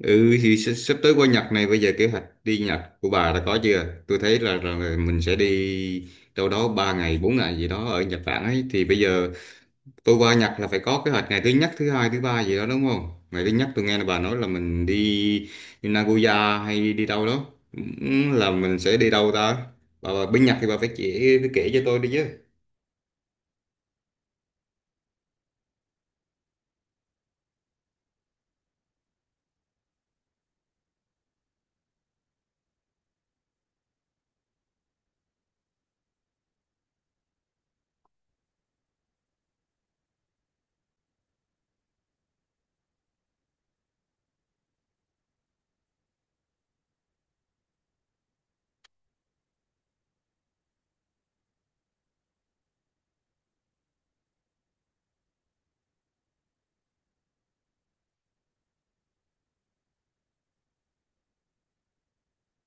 Sắp tới qua Nhật này, bây giờ kế hoạch đi Nhật của bà đã có chưa? Tôi thấy là mình sẽ đi đâu đó 3 ngày 4 ngày gì đó ở Nhật Bản ấy, thì bây giờ tôi qua Nhật là phải có kế hoạch ngày thứ nhất, thứ hai, thứ ba gì đó, đúng không? Ngày thứ nhất tôi nghe là bà nói là mình đi Nagoya hay đi đâu đó. Ừ, là mình sẽ đi đâu ta? Bà bên Nhật thì bà phải chỉ phải kể cho tôi đi chứ.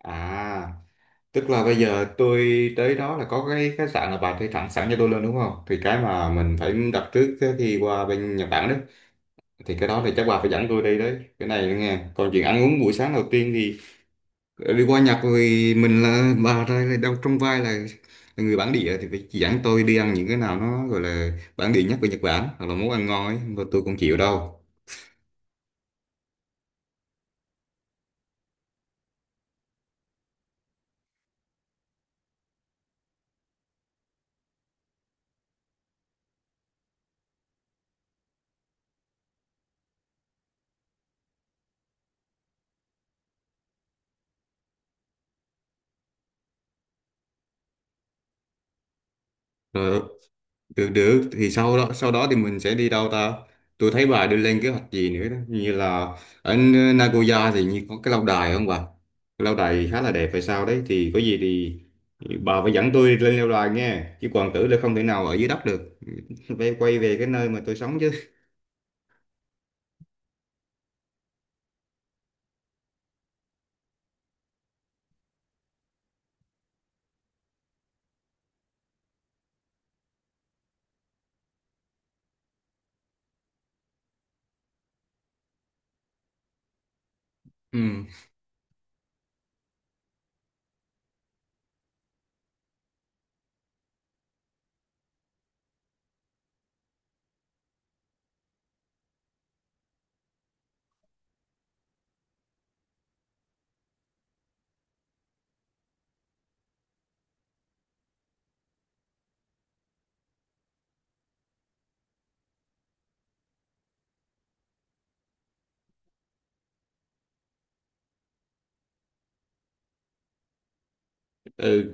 À. Tức là bây giờ tôi tới đó là có cái khách sạn là bà thuê thẳng sẵn cho tôi luôn, đúng không? Thì cái mà mình phải đặt trước cái khi qua bên Nhật Bản đấy. Thì cái đó thì chắc bà phải dẫn tôi đi đấy. Cái này nữa nghe. Còn chuyện ăn uống buổi sáng đầu tiên thì đi qua Nhật thì mình là bà ra là đâu trong vai là người bản địa thì phải chỉ dẫn tôi đi ăn những cái nào nó gọi là bản địa nhất của Nhật Bản hoặc là món ăn ngon ấy. Mà tôi cũng chịu đâu. Rồi. Được được, thì sau đó thì mình sẽ đi đâu ta? Tôi thấy bà đưa lên kế hoạch gì nữa đó, như là ở Nagoya thì như có cái lâu đài không bà? Cái lâu đài khá là đẹp hay sao đấy, thì có gì thì bà phải dẫn tôi lên lâu đài nghe, chứ còn tưởng là không thể nào ở dưới đất được. Phải quay về cái nơi mà tôi sống chứ. Ừ. Ừ,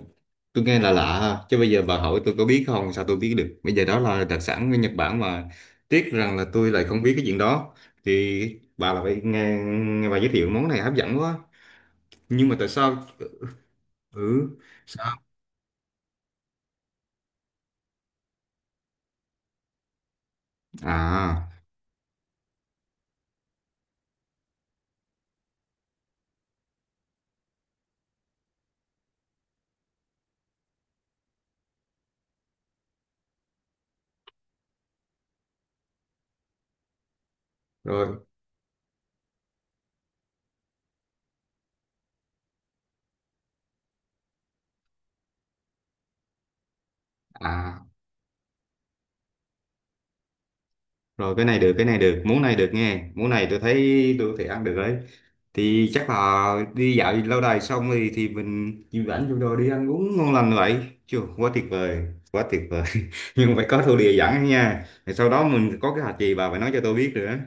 tôi nghe là lạ ha. Chứ bây giờ bà hỏi tôi có biết không, sao tôi biết được. Bây giờ đó là đặc sản của Nhật Bản mà tiếc rằng là tôi lại không biết cái chuyện đó. Thì bà là phải nghe bà giới thiệu món này hấp dẫn quá, nhưng mà tại sao. Ừ. Sao? À, rồi. À, rồi. Cái này được, cái này được, món này được nghe, món này tôi thấy tôi có thể ăn được đấy. Thì chắc là đi dạo lâu đài xong thì mình chịu rảnh vô đồ đi ăn uống ngon lành vậy, chưa, quá tuyệt vời, quá tuyệt vời. Nhưng phải có thổ địa dẫn nha, rồi sau đó mình có cái hạt gì bà phải nói cho tôi biết nữa.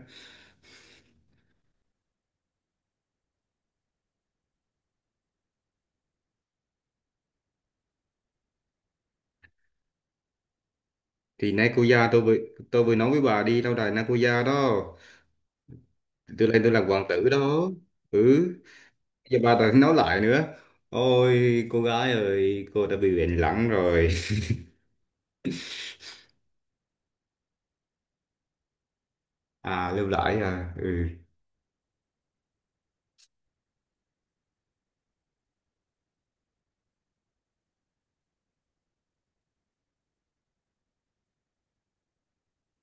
Thì Nakuya, tôi vừa nói với bà đi lâu đài Nakuya đó, tôi lên tôi làm hoàng tử đó. Ừ, giờ bà ta nói lại nữa. Ôi cô gái ơi, cô đã bị bệnh lẳng rồi. À, lưu lại. À, ừ.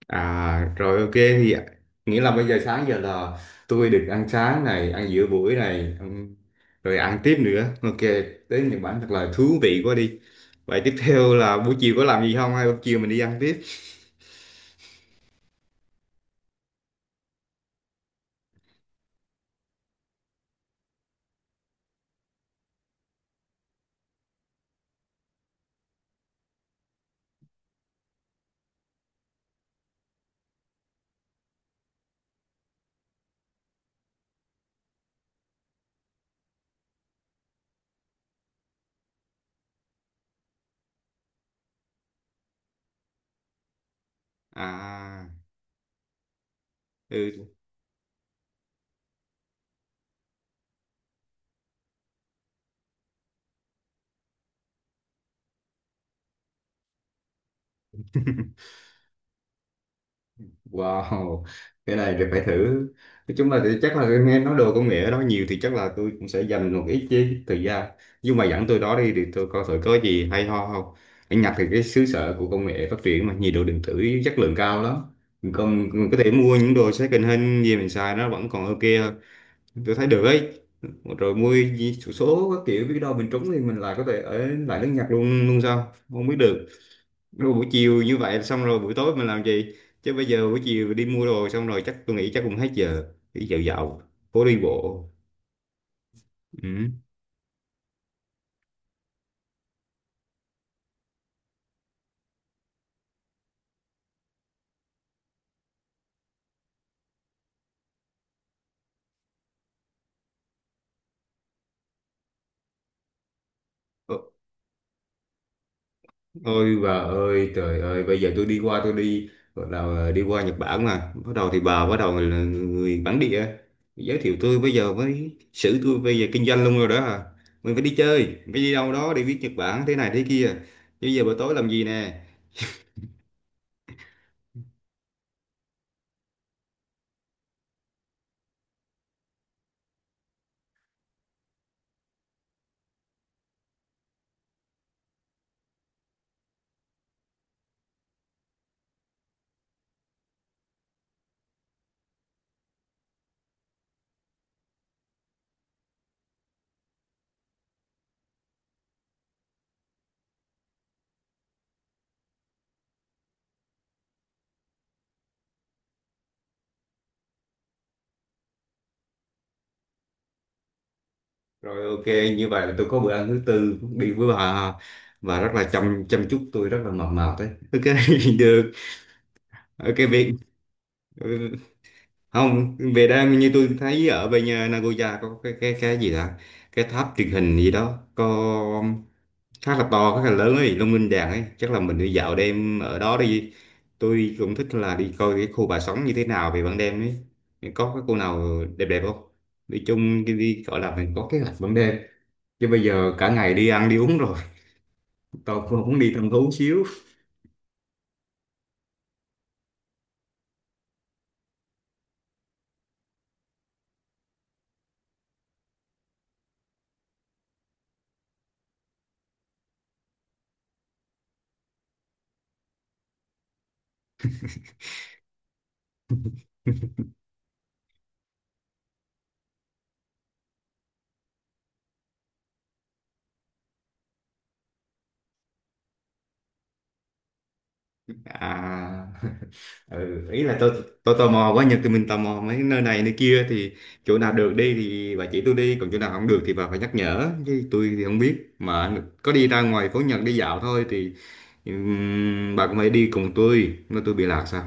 À, rồi ok thì ạ. Nghĩa là bây giờ sáng giờ là tôi được ăn sáng này, ăn giữa buổi này, rồi ăn tiếp nữa, ok. Tới Nhật Bản thật là thú vị quá đi. Vậy tiếp theo là buổi chiều có làm gì không, hay buổi chiều mình đi ăn tiếp? À. Ừ. Wow, cái này thì phải thử. Nói chung là thì chắc là nghe nói đồ công nghệ đó nhiều thì chắc là tôi cũng sẽ dành một ít chứ thời gian. Nhưng mà dẫn tôi đó đi thì tôi coi thử có gì hay ho không. Ở Nhật thì cái xứ sở của công nghệ phát triển mà nhiều đồ điện tử chất lượng cao lắm. Còn mình có thể mua những đồ second hand gì mình xài nó vẫn còn ok hơn. Tôi thấy được ấy. Rồi số số các kiểu, biết đâu mình trúng thì mình lại có thể ở lại nước Nhật luôn luôn sao? Không biết được. Rồi buổi chiều như vậy xong rồi buổi tối mình làm gì, chứ bây giờ buổi chiều đi mua đồ xong rồi chắc tôi nghĩ chắc cũng hết giờ, đi dạo dạo phố đi bộ. Ừ. Ờ, ôi bà ơi trời ơi, bây giờ tôi đi gọi là đi qua Nhật Bản mà bắt đầu thì bà bắt đầu là người bản địa giới thiệu tôi, bây giờ mới xử tôi, bây giờ kinh doanh luôn rồi đó à, mình phải đi chơi phải đi đâu đó để biết Nhật Bản thế này thế kia, bây giờ buổi tối làm gì nè. Rồi, ok, như vậy là tôi có bữa ăn thứ tư đi với bà, và rất là chăm chăm chút tôi rất là mập mạp đấy. Ok, được. Ok việc. Ừ, không, về đây như tôi thấy ở bên nhà Nagoya có cái cái gì đó, cái tháp truyền hình gì đó, có khá là to, khá là lớn ấy, Long Linh Đàn ấy, chắc là mình đi dạo đêm ở đó đi. Tôi cũng thích là đi coi cái khu bà sống như thế nào về ban đêm ấy. Có cái cô nào đẹp đẹp không? Nói chung đi, đi gọi là mình có kế hoạch ban đêm, chứ bây giờ cả ngày đi ăn đi uống rồi. Tôi cũng muốn đi thăm thú xíu. À. Ừ, ý là tôi tò mò quá, Nhật thì mình tò mò mấy nơi này nơi kia thì chỗ nào được đi thì bà chỉ tôi đi, còn chỗ nào không được thì bà phải nhắc nhở, chứ tôi thì không biết mà có đi ra ngoài phố Nhật đi dạo thôi thì bà cũng phải đi cùng tôi, nó tôi bị lạc sao.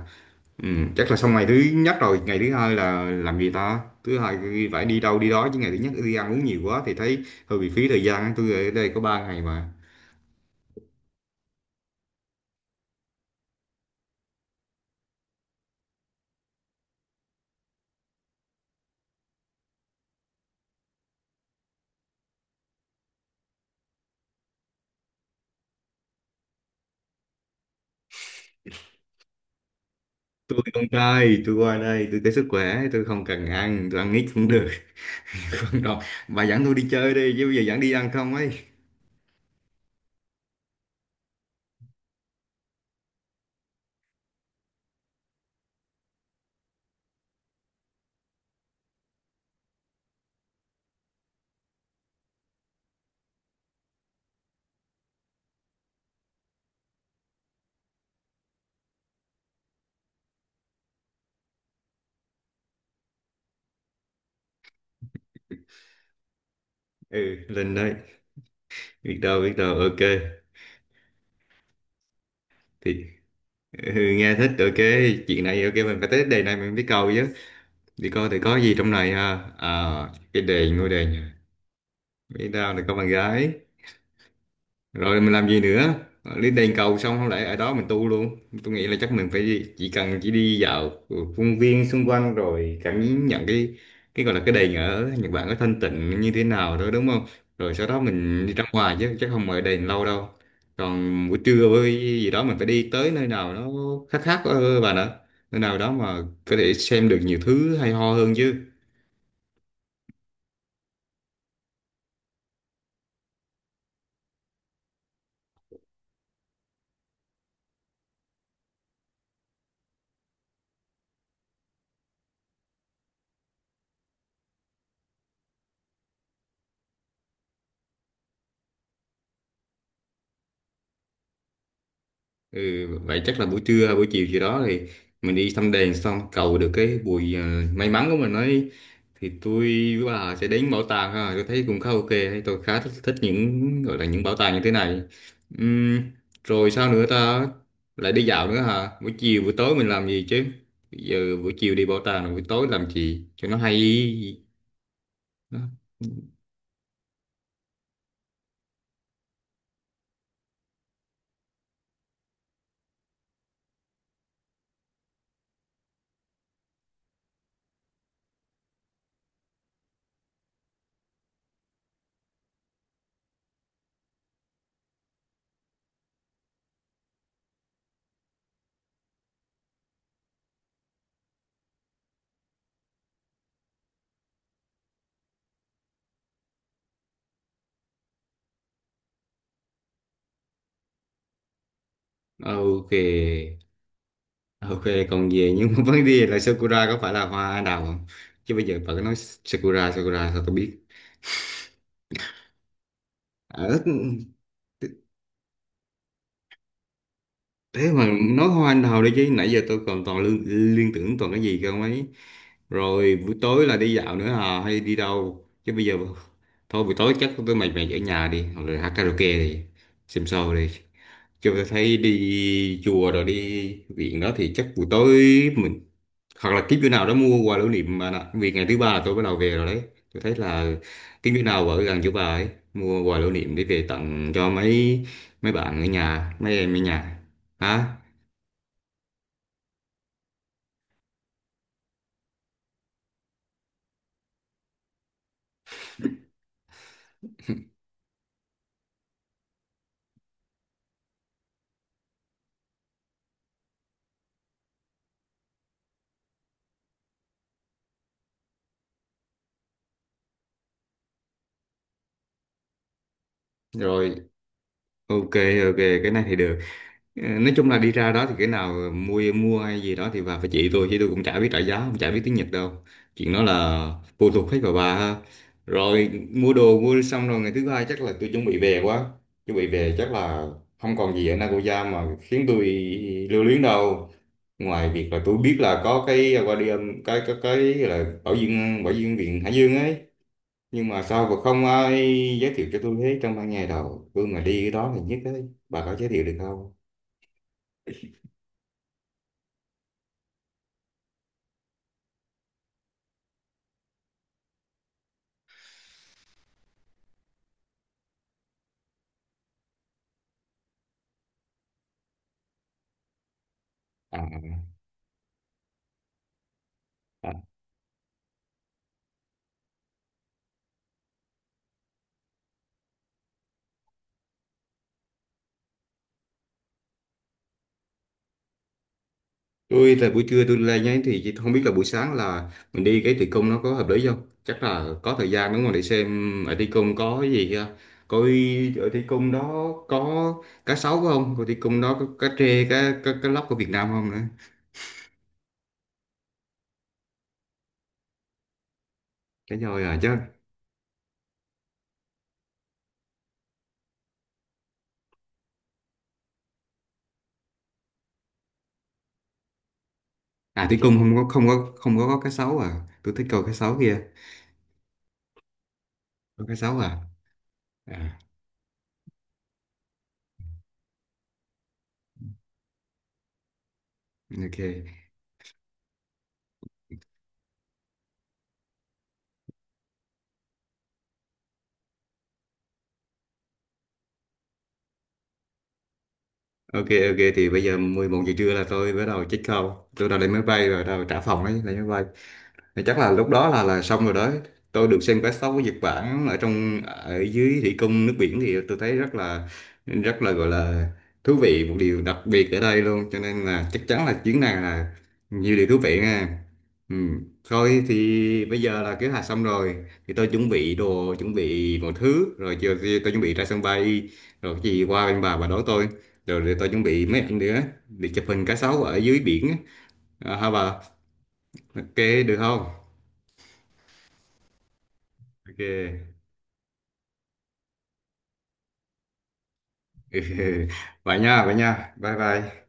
Chắc là xong ngày thứ nhất rồi, ngày thứ hai là làm gì ta, thứ hai phải đi đâu đi đó chứ, ngày thứ nhất đi ăn uống nhiều quá thì thấy hơi bị phí thời gian, tôi ở đây có 3 ngày mà. Tôi không chơi, tôi qua đây tôi tới sức khỏe, tôi không cần ăn, tôi ăn ít cũng được. Không đâu, bà dẫn tôi đi chơi đi chứ, bây giờ dẫn đi ăn không ấy. Ừ, lên đây, biết đâu biết đâu, ok. Thì ừ, nghe thích, ok, chuyện này ok, mình phải tới đề này mình biết cầu chứ, đi coi thì có gì trong này ha, à, cái đề ngôi đề nhà. Biết đâu là có bạn gái. Rồi mình làm gì nữa? Lên đền cầu xong không lẽ ở đó mình tu luôn. Tôi nghĩ là chắc mình phải chỉ cần chỉ đi dạo công viên xung quanh rồi cảm nhận cái gọi là cái đền ở Nhật Bản có thanh tịnh như thế nào đó, đúng không? Rồi sau đó mình đi ra ngoài chứ chắc không ở đền lâu đâu. Còn buổi trưa với gì đó mình phải đi tới nơi nào nó khác khác, bà nữa, nơi nào đó mà có thể xem được nhiều thứ hay ho hơn chứ. Ừ, vậy chắc là buổi trưa buổi chiều gì đó thì mình đi thăm đền xong cầu được cái bùi may mắn của mình ấy, thì tôi với bà sẽ đến bảo tàng ha, tôi thấy cũng khá ok đấy. Tôi khá thích những gọi là những bảo tàng như thế này. Ừm, rồi sao nữa ta, lại đi dạo nữa hả, buổi chiều buổi tối mình làm gì chứ? Bây giờ buổi chiều đi bảo tàng rồi buổi tối làm gì cho nó hay? Đó. Ờ, ok. Ok, còn về nhưng mà vấn đề là Sakura có phải là hoa anh đào không? Chứ bây giờ bà cứ nói Sakura Sakura sao tôi biết? À, thế mà nói hoa anh đào đi chứ, nãy giờ tôi còn toàn liên tưởng toàn cái gì cơ mấy. Rồi buổi tối là đi dạo nữa à hay đi đâu? Chứ bây giờ thôi buổi tối chắc tôi mệt mệt ở nhà đi, hoặc là hát karaoke đi, xem show đi. Kiểu tôi thấy đi chùa rồi đi viện đó thì chắc buổi tối mình hoặc là kiếm chỗ nào đó mua quà lưu niệm mà nè. Vì ngày thứ ba là tôi bắt đầu về rồi đấy. Tôi thấy là kiếm chỗ nào ở gần chỗ bà ấy mua quà lưu niệm để về tặng cho mấy mấy bạn ở nhà, mấy em ở nhà. Hả? Rồi, ok. Ok, cái này thì được. Ờ, nói chung là đi ra đó thì cái nào mua mua hay gì đó thì bà phải chỉ tôi, chứ tôi cũng chả biết trả giá cũng chả biết tiếng Nhật đâu, chuyện đó là phụ thuộc hết vào bà ha. Rồi mua đồ mua xong rồi ngày thứ hai chắc là tôi chuẩn bị về quá, chuẩn bị về chắc là không còn gì ở Nagoya mà khiến tôi lưu luyến đâu, ngoài việc là tôi biết là có cái aquarium cái cái là bảo dương, viện Hải Dương ấy, nhưng mà sao mà không ai giới thiệu cho tôi hết, trong ban ngày đầu tôi mà đi cái đó thì nhất ấy, bà có giới thiệu được không? À à. À, tại buổi trưa tôi lên nhé, thì chỉ không biết là buổi sáng là mình đi cái thi công nó có hợp lý không, chắc là có thời gian đúng không để xem ở thi công có cái gì kia, coi ở thi công đó có cá sấu không, coi thi công đó có cá trê, cá cá, cá lóc của Việt Nam không nữa. Cái rồi à chứ? À, thi công không có, cá sấu à, tôi thích coi cá sấu kia. Có cá sấu à? À, ok, ok. Ok thì bây giờ 11 giờ trưa là tôi bắt đầu check out, tôi đã lên máy bay rồi, bắt đầu trả phòng đấy lên máy bay, thì chắc là lúc đó là xong rồi đó. Tôi được xem quét sóc của Nhật Bản ở trong ở dưới thủy cung nước biển thì tôi thấy rất là gọi là thú vị, một điều đặc biệt ở đây luôn, cho nên là chắc chắn là chuyến này là nhiều điều thú vị nha. Ừ. Thôi thì bây giờ là kế hoạch xong rồi, thì tôi chuẩn bị đồ chuẩn bị mọi thứ, rồi chiều thì tôi chuẩn bị ra sân bay, rồi cái gì qua bên bà đón tôi, rồi để tôi chuẩn bị mấy ảnh nữa để chụp hình cá sấu ở dưới biển á. À, hả bà? Ok, được không? Ok. Vậy nha, vậy nha, bye bye.